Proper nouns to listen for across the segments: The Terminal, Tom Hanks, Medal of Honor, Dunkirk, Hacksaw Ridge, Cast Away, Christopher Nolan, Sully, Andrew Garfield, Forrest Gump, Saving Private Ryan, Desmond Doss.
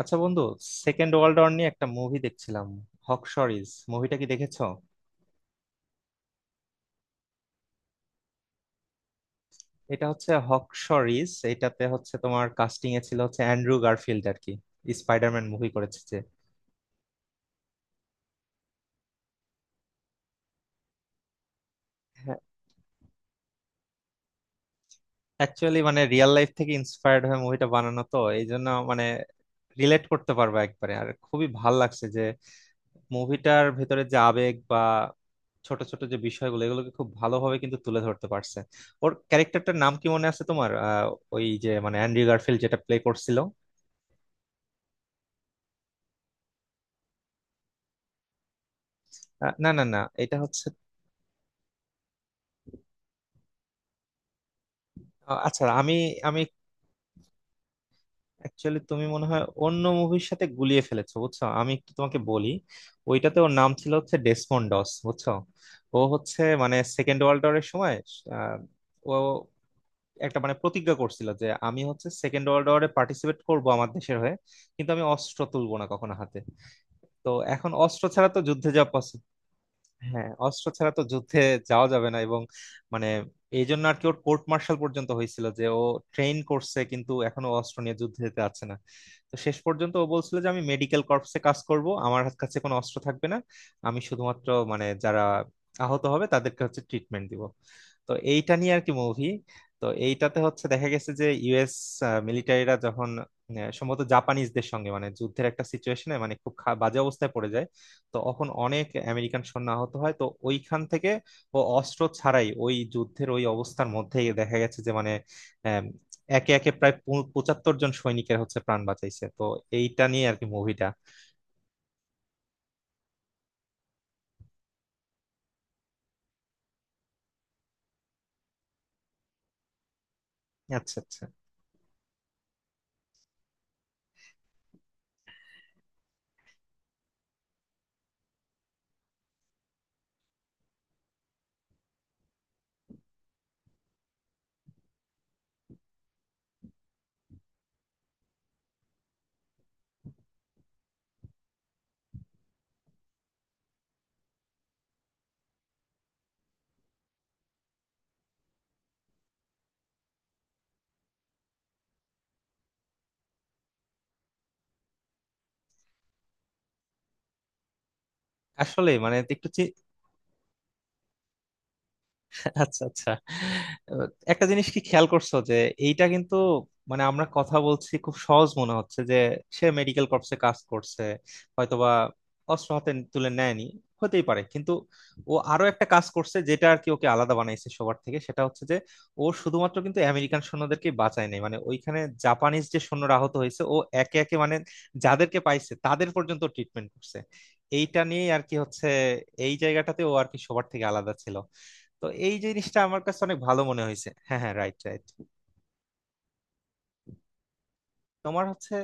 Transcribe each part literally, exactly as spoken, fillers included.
আচ্ছা বন্ধু, second world war নিয়ে একটা মুভি দেখছিলাম। হকশরিজ মুভিটা কি দেখেছো? এটা হচ্ছে হকশরিজ। এটাতে হচ্ছে তোমার কাস্টিং এ ছিল হচ্ছে অ্যান্ড্রু গারফিল্ড আর কি, স্পাইডারম্যান মুভি করেছে যে। অ্যাকচুয়ালি মানে রিয়েল লাইফ থেকে ইন্সপায়ার্ড হয়ে মুভিটা বানানো, তো এই জন্য মানে রিলেট করতে পারবে একবারে, আর খুবই ভাল লাগছে যে মুভিটার ভেতরে যে আবেগ বা ছোট ছোট যে বিষয়গুলো, এগুলোকে খুব ভালোভাবে কিন্তু তুলে ধরতে পারছে। ওর ক্যারেক্টারটার নাম কি মনে আছে তোমার? আহ, ওই যে মানে অ্যান্ড্রু গারফিল্ড যেটা প্লে করছিল। আহ, না না না, এটা হচ্ছে, আহ, আচ্ছা, আমি আমি অ্যাকচুয়ালি, তুমি মনে হয় অন্য মুভির সাথে গুলিয়ে ফেলেছো বুঝছো। আমি একটু তোমাকে বলি। ওইটাতে ওর নাম ছিল হচ্ছে ডেসমন্ড ডস, বুঝছো। ও হচ্ছে মানে সেকেন্ড ওয়ার্ল্ড ওয়ারের সময় আহ, ও একটা মানে প্রতিজ্ঞা করছিল যে আমি হচ্ছে সেকেন্ড ওয়ার্ল্ড ওয়ারে পার্টিসিপেট করব আমার দেশের হয়ে, কিন্তু আমি অস্ত্র তুলবো না কখনো হাতে। তো এখন অস্ত্র ছাড়া তো যুদ্ধে যাওয়া possible, হ্যাঁ অস্ত্র ছাড়া তো যুদ্ধে যাওয়া যাবে না, এবং মানে এই জন্য আর কি ওর কোর্ট মার্শাল পর্যন্ত হয়েছিল যে ও ট্রেন করছে কিন্তু এখনো অস্ত্র নিয়ে যুদ্ধে যেতে যাচ্ছে না। তো শেষ পর্যন্ত ও বলছিল যে আমি মেডিকেল কর্পসে কাজ করব, আমার হাত- কাছে কোনো অস্ত্র থাকবে না, আমি শুধুমাত্র মানে যারা আহত হবে তাদেরকে হচ্ছে ট্রিটমেন্ট দিব। তো এইটা নিয়ে আর কি মুভি। তো এইটাতে হচ্ছে দেখা গেছে যে ইউএস মিলিটারিরা যখন, আহ, সম্ভবত জাপানিজদের সঙ্গে মানে যুদ্ধের একটা সিচুয়েশনে মানে খুব খা- বাজে অবস্থায় পড়ে যায়, তখন অনেক আমেরিকান সৈন্য আহত হয়। তো ওইখান থেকে ও অস্ত্র ছাড়াই ওই যুদ্ধের ওই অবস্থার মধ্যেই দেখা গেছে যে মানে, আম, একে একে প্রায় পু- পঁচাত্তর জন সৈনিকের হচ্ছে প্রাণ বাঁচাইছে। তো এইটা নিয়ে আর কি মুভিটা। আচ্ছা আচ্ছা। আসলে মানে একটু চি- আচ্ছা আচ্ছা, আহ, একটা জিনিস কি খেয়াল করছো যে এইটা কিন্তু, মানে আমরা কথা বলছি খুব সহজ মনে হচ্ছে যে সে মেডিকেল কর্পসে কাজ করছে, হয়তোবা অস্ত্র হাতে তুলে নেয়নি, হতেই পারে। কিন্তু ও আরো একটা কাজ করছে যেটা আর কি ওকে আলাদা বানাইছে সবার থেকে, সেটা হচ্ছে যে ও শুধুমাত্র কিন্তু আমেরিকান সৈন্যদেরকে বাঁচায় নাই, মানে ওইখানে জাপানিজ যে সৈন্যরা আহত হয়েছে ও একে একে মানে যাদেরকে পাইছে তাদের পর্যন্ত ট্রিটমেন্ট করছে। এইটা নিয়েই আর কি হচ্ছে, এই জায়গাটাতে ও আর কি সবার থেকে আলাদা ছিল। তো এই জিনিসটা আমার কাছে অনেক ভালো মনে হয়েছে। হ্যাঁ হ্যাঁ, রাইট রাইট। তোমার হচ্ছে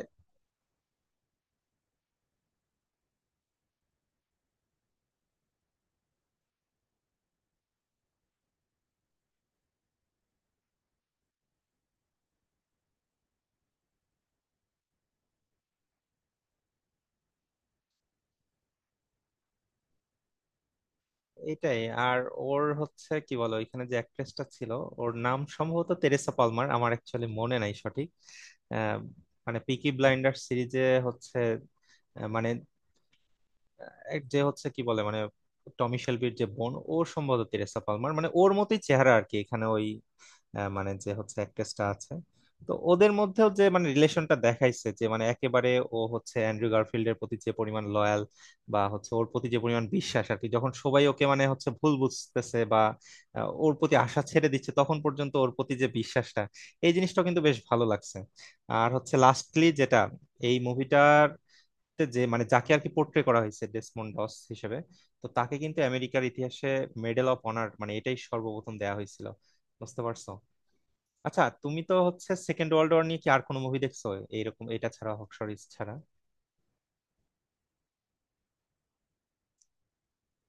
এটাই। আর ওর হচ্ছে কি বলো, এখানে যে অ্যাক্ট্রেসটা ছিল, ওর নাম সম্ভবত তেরেসা পালমার, আমার অ্যাকচুয়ালি মনে নাই সঠিক, আহ, মানে পিকি ব্লাইন্ডার সিরিজে হচ্ছে, আহ, মানে এক যে হচ্ছে কি বলে মানে টমি শেলবির যে বোন, ও সম্ভবত তেরেসা পালমার মানে ওর মতোই চেহারা আর কি এখানে ওই, আহ, মানে যে হচ্ছে অ্যাক্ট্রেসটা আছে। তো ওদের মধ্যেও যে মানে রিলেশনটা দেখাইছে যে মানে একেবারে, ও হচ্ছে অ্যান্ড্রু গারফিল্ডের প্রতি যে পরিমাণ লয়াল বা হচ্ছে ওর প্রতি যে পরিমাণ বিশ্বাস আর কি, যখন সবাই ওকে মানে হচ্ছে ভুল বুঝতেছে বা আহ, ওর প্রতি আশা ছেড়ে দিচ্ছে, তখন পর্যন্ত ওর প্রতি যে বিশ্বাসটা, এই জিনিসটা কিন্তু বেশ ভালো লাগছে। আর হচ্ছে লাস্টলি যেটা এই মুভিটার, যে মানে যাকে আর কি পোর্ট্রে করা হয়েছে ডেসমন্ড ডস হিসেবে, তো তাকে কিন্তু আমেরিকার ইতিহাসে মেডেল অফ অনার মানে এটাই সর্বপ্রথম দেয়া হয়েছিল। বুঝতে পারছো? আচ্ছা তুমি তো হচ্ছে সেকেন্ড ওয়ার্ল্ড ওয়ার নিয়ে কি আর কোনো মুভি দেখছো এইরকম, এটা ছাড়া, হক্সরিজ ছাড়া?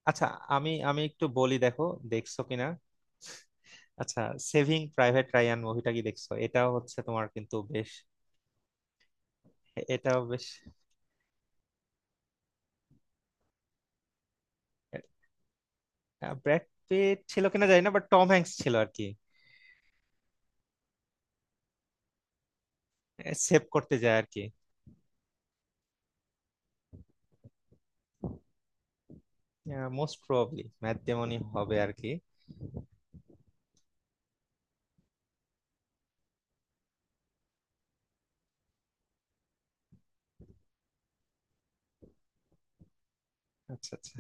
আচ্ছা, আমি আমি একটু বলি, দেখো দেখছো কিনা। আচ্ছা, সেভিং প্রাইভেট রায়ান মুভিটা কি দেখছো? এটাও হচ্ছে তোমার কিন্তু বেশ, এটাও বেশ। ব্র্যাড পিট ছিল কিনা জানি না, বাট টম হ্যাঙ্কস ছিল আর কি। সেভ করতে যায় আর কি। মোস্ট প্রবাবলি ম্যাট ডেমনই হবে আর কি। আচ্ছা আচ্ছা।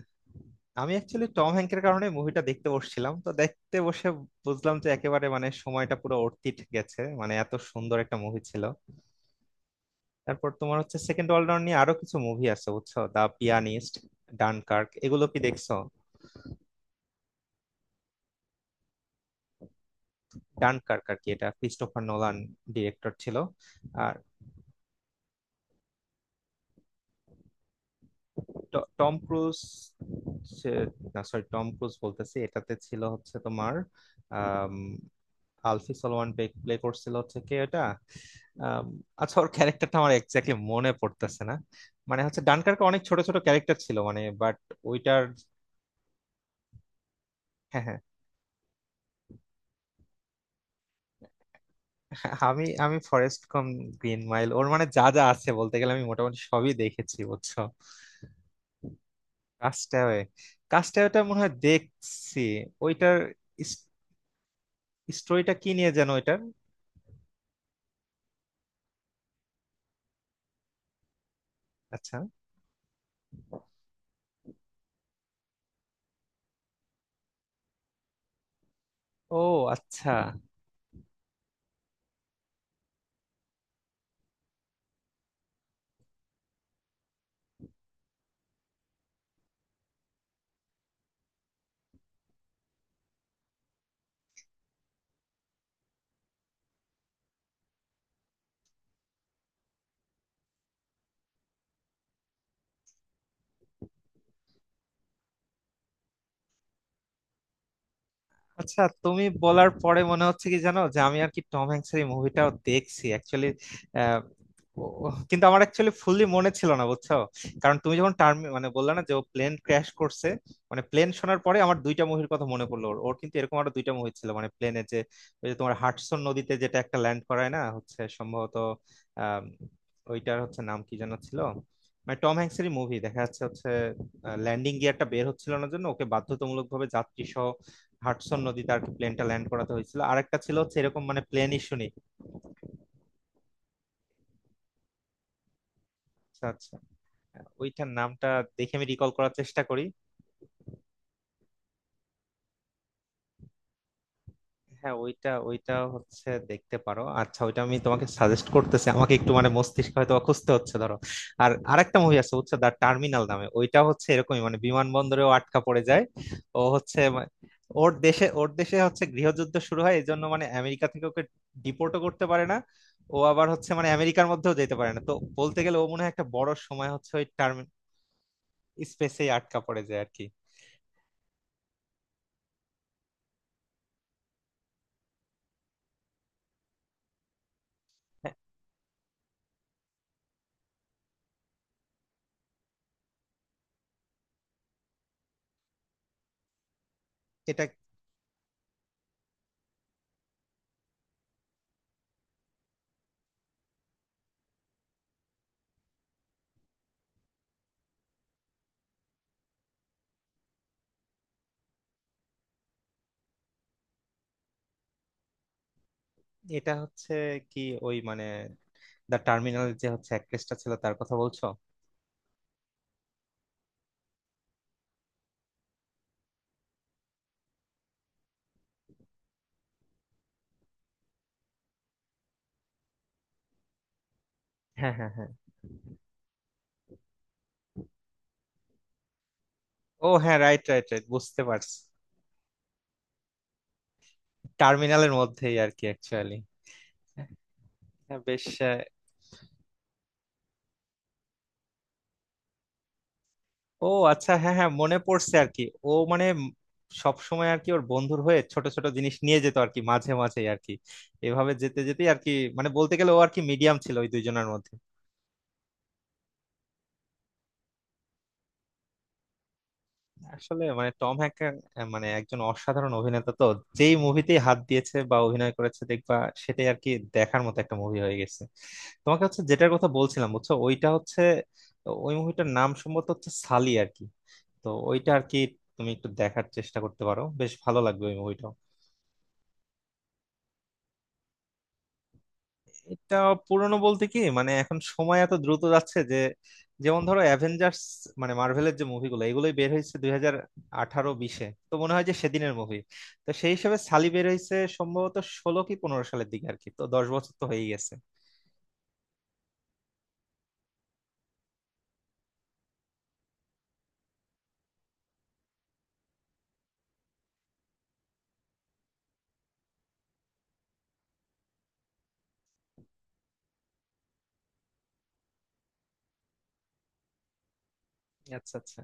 আমি অ্যাকচুয়ালি টম হ্যাংকের কারণে মুভিটা দেখতে বসছিলাম, তো দেখতে বসে বুঝলাম যে একেবারে মানে সময়টা পুরো অর্থিত গেছে, মানে এত সুন্দর একটা মুভি ছিল। তারপর তোমার হচ্ছে সেকেন্ড অলরাউন্ড নিয়ে আরো কিছু মুভি আছে বুঝছো, দা পিয়ানিস্ট, ডানকার্ক, এগুলো কি দেখছো? ডানকার্ক আর কি, এটা ক্রিস্টোফার নোলান ডিরেক্টর ছিল। আর ট- টম ক্রুজ, সে- না সরি টম ক্রুজ বলতেছি, এটাতে ছিল হচ্ছে তোমার আম, আলফি সলোয়ান প্লে করছিল হচ্ছে, কে এটা, আম, আচ্ছা ওর ক্যারেক্টারটা আমার এক্স্যাক্টলি মনে পড়তেছে না, মানে হচ্ছে ডানকার্কে অনেক ছোট ছোট ক্যারেক্টার ছিল মানে, বাট ওইটার, হ্যাঁ হ্যাঁ। আমি আমি ফরেস্ট কম, গ্রিন মাইল, ওর মানে যা যা আছে বলতে গেলে আমি মোটামুটি সবই দেখেছি বুঝছো। কাস্টাওয়ে, কাস্টাওয়েটা মনে হয় দেখছি। ওইটার স্টোরিটা কি নিয়ে যেন ওইটার? আচ্ছা। ও আচ্ছা আচ্ছা, তুমি বলার পরে মনে হচ্ছে কি জানো, যে আমি আর কি টম হ্যাংসের এই মুভিটাও দেখছি অ্যাকচুয়ালি, কিন্তু আমার অ্যাকচুয়ালি ফুললি মনে ছিল না বুঝছো। কারণ তুমি যখন টার্ম মানে বললে না যে ও প্লেন ক্র্যাশ করছে, মানে প্লেন শোনার পরে আমার দুইটা মুভির কথা মনে পড়লো। ওর ওর কিন্তু এরকম আরো দুইটা মুভি ছিল মানে, প্লেনে যে ওই যে তোমার হাডসন নদীতে যেটা একটা ল্যান্ড করায় না, হচ্ছে সম্ভবত, আহ ওইটার হচ্ছে নাম কি যেন ছিল, মানে টম হ্যাংসেরই মুভি দেখা যাচ্ছে হচ্ছে, ল্যান্ডিং গিয়ারটা বের হচ্ছিল না জন্য ওকে বাধ্যতামূলক ভাবে যাত্রী সহ হাডসন নদীতে আর কি প্লেনটা ল্যান্ড করাতে হয়েছিল। আরেকটা ছিল হচ্ছে এরকম মানে, প্লেন ইস্যু নেই। আচ্ছা আচ্ছা, ওইটার নামটা দেখে আমি রিকল করার চেষ্টা করি। হ্যাঁ ওইটা, ওইটা হচ্ছে দেখতে পারো, আচ্ছা ওইটা আমি তোমাকে সাজেস্ট করতেছি, আমাকে একটু মানে মস্তিষ্ক হয়তো অখুস্তে হচ্ছে ধরো। আর আরেকটা মুভি আছে হচ্ছে দ্য টার্মিনাল নামে, ওইটা হচ্ছে এরকমই মানে বিমানবন্দরেও আটকা পড়ে যায়। ও হচ্ছে মা- ওর দেশে, ওর দেশে হচ্ছে গৃহযুদ্ধ শুরু হয় এই জন্য মানে আমেরিকা থেকে ওকে ডিপোর্টও করতে পারে না, ও আবার হচ্ছে মানে আমেরিকার মধ্যেও যেতে পারে না। তো বলতে গেলে ও মনে হয় একটা বড় সময় হচ্ছে ওই টার্ম স্পেসেই আটকা পড়ে যায় আর কি। হ্যাঁ, এটা, এটা হচ্ছে কি ওই মানে দ্য টার্মিনাল যে হচ্ছে অ্যাক্ট্রেসটা ছিল তার কথা বলছো? হ্যাঁ হ্যাঁ হ্যাঁ। ও হ্যাঁ, রাইট রাইট রাইট, বুঝতে পারছি। টার্মিনালের মধ্যেই আর কি অ্যাকচুয়ালি। হ্যাঁ বেশ। আহ, ও আচ্ছা হ্যাঁ হ্যাঁ, মনে পড়ছে আর কি। ও মানে সব সময় আর কি ওর বন্ধুর হয়ে ছোট ছোট জিনিস নিয়ে যেত আর কি মাঝে মাঝে আর কি, এভাবে যেতে যেতে আর কি, মানে বলতে গেলে ও আর কি মিডিয়াম ছিল ওই দুইজনের মধ্যে। আসলে মানে টম হ্যাঙ্ক মানে একজন অসাধারণ অভিনেতা তো, যেই মুভিতেই হাত দিয়েছে বা অভিনয় করেছে দেখবা সেটাই আর কি দেখার মতো একটা মুভি হয়ে গেছে। তোমাকে হচ্ছে যেটার কথা বলছিলাম বুঝছো, ওইটা হচ্ছে, ওই মুভিটার নাম সম্ভবত হচ্ছে সালি আর কি। তো ওইটা আর কি তুমি একটু দেখার চেষ্টা করতে পারো, বেশ ভালো লাগবে ওই মুভিটা। এটা পুরনো বলতে কি, মানে এখন সময় এত দ্রুত যাচ্ছে যে, যেমন ধরো অ্যাভেঞ্জার্স মানে মার্ভেলের যে মুভিগুলো এগুলোই বের হয়েছে দুই হাজার আঠারো বিশে, তো মনে হয় যে সেদিনের মুভি। তো সেই হিসেবে সালি বের হয়েছে সম্ভবত ষোলো কি পনেরো সালের দিকে আর কি, তো দশ বছর তো হয়েই গেছে। আচ্ছা আচ্ছা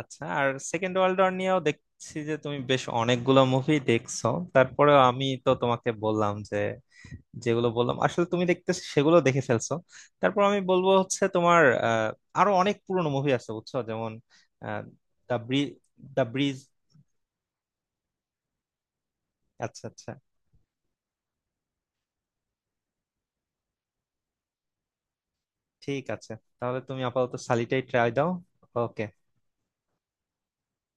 আচ্ছা। আর সেকেন্ড ওয়ার্ল্ড ওয়ার নিয়েও দেখছি যে তুমি বেশ অনেকগুলো মুভি দেখছো। তারপরে আমি তো তোমাকে বললাম যে, যেগুলো বললাম আসলে তুমি দেখতে, সেগুলো দেখে ফেলছো। তারপর আমি বলবো হচ্ছে তোমার আহ, আরো অনেক পুরনো মুভি আছে বুঝছো, যেমন দ্য ব্রিজ, দ্য ব্রিজ। আচ্ছা আচ্ছা। ঠিক আছে, তাহলে তুমি আপাতত সালিটাই ট্রাই দাও। ওকে।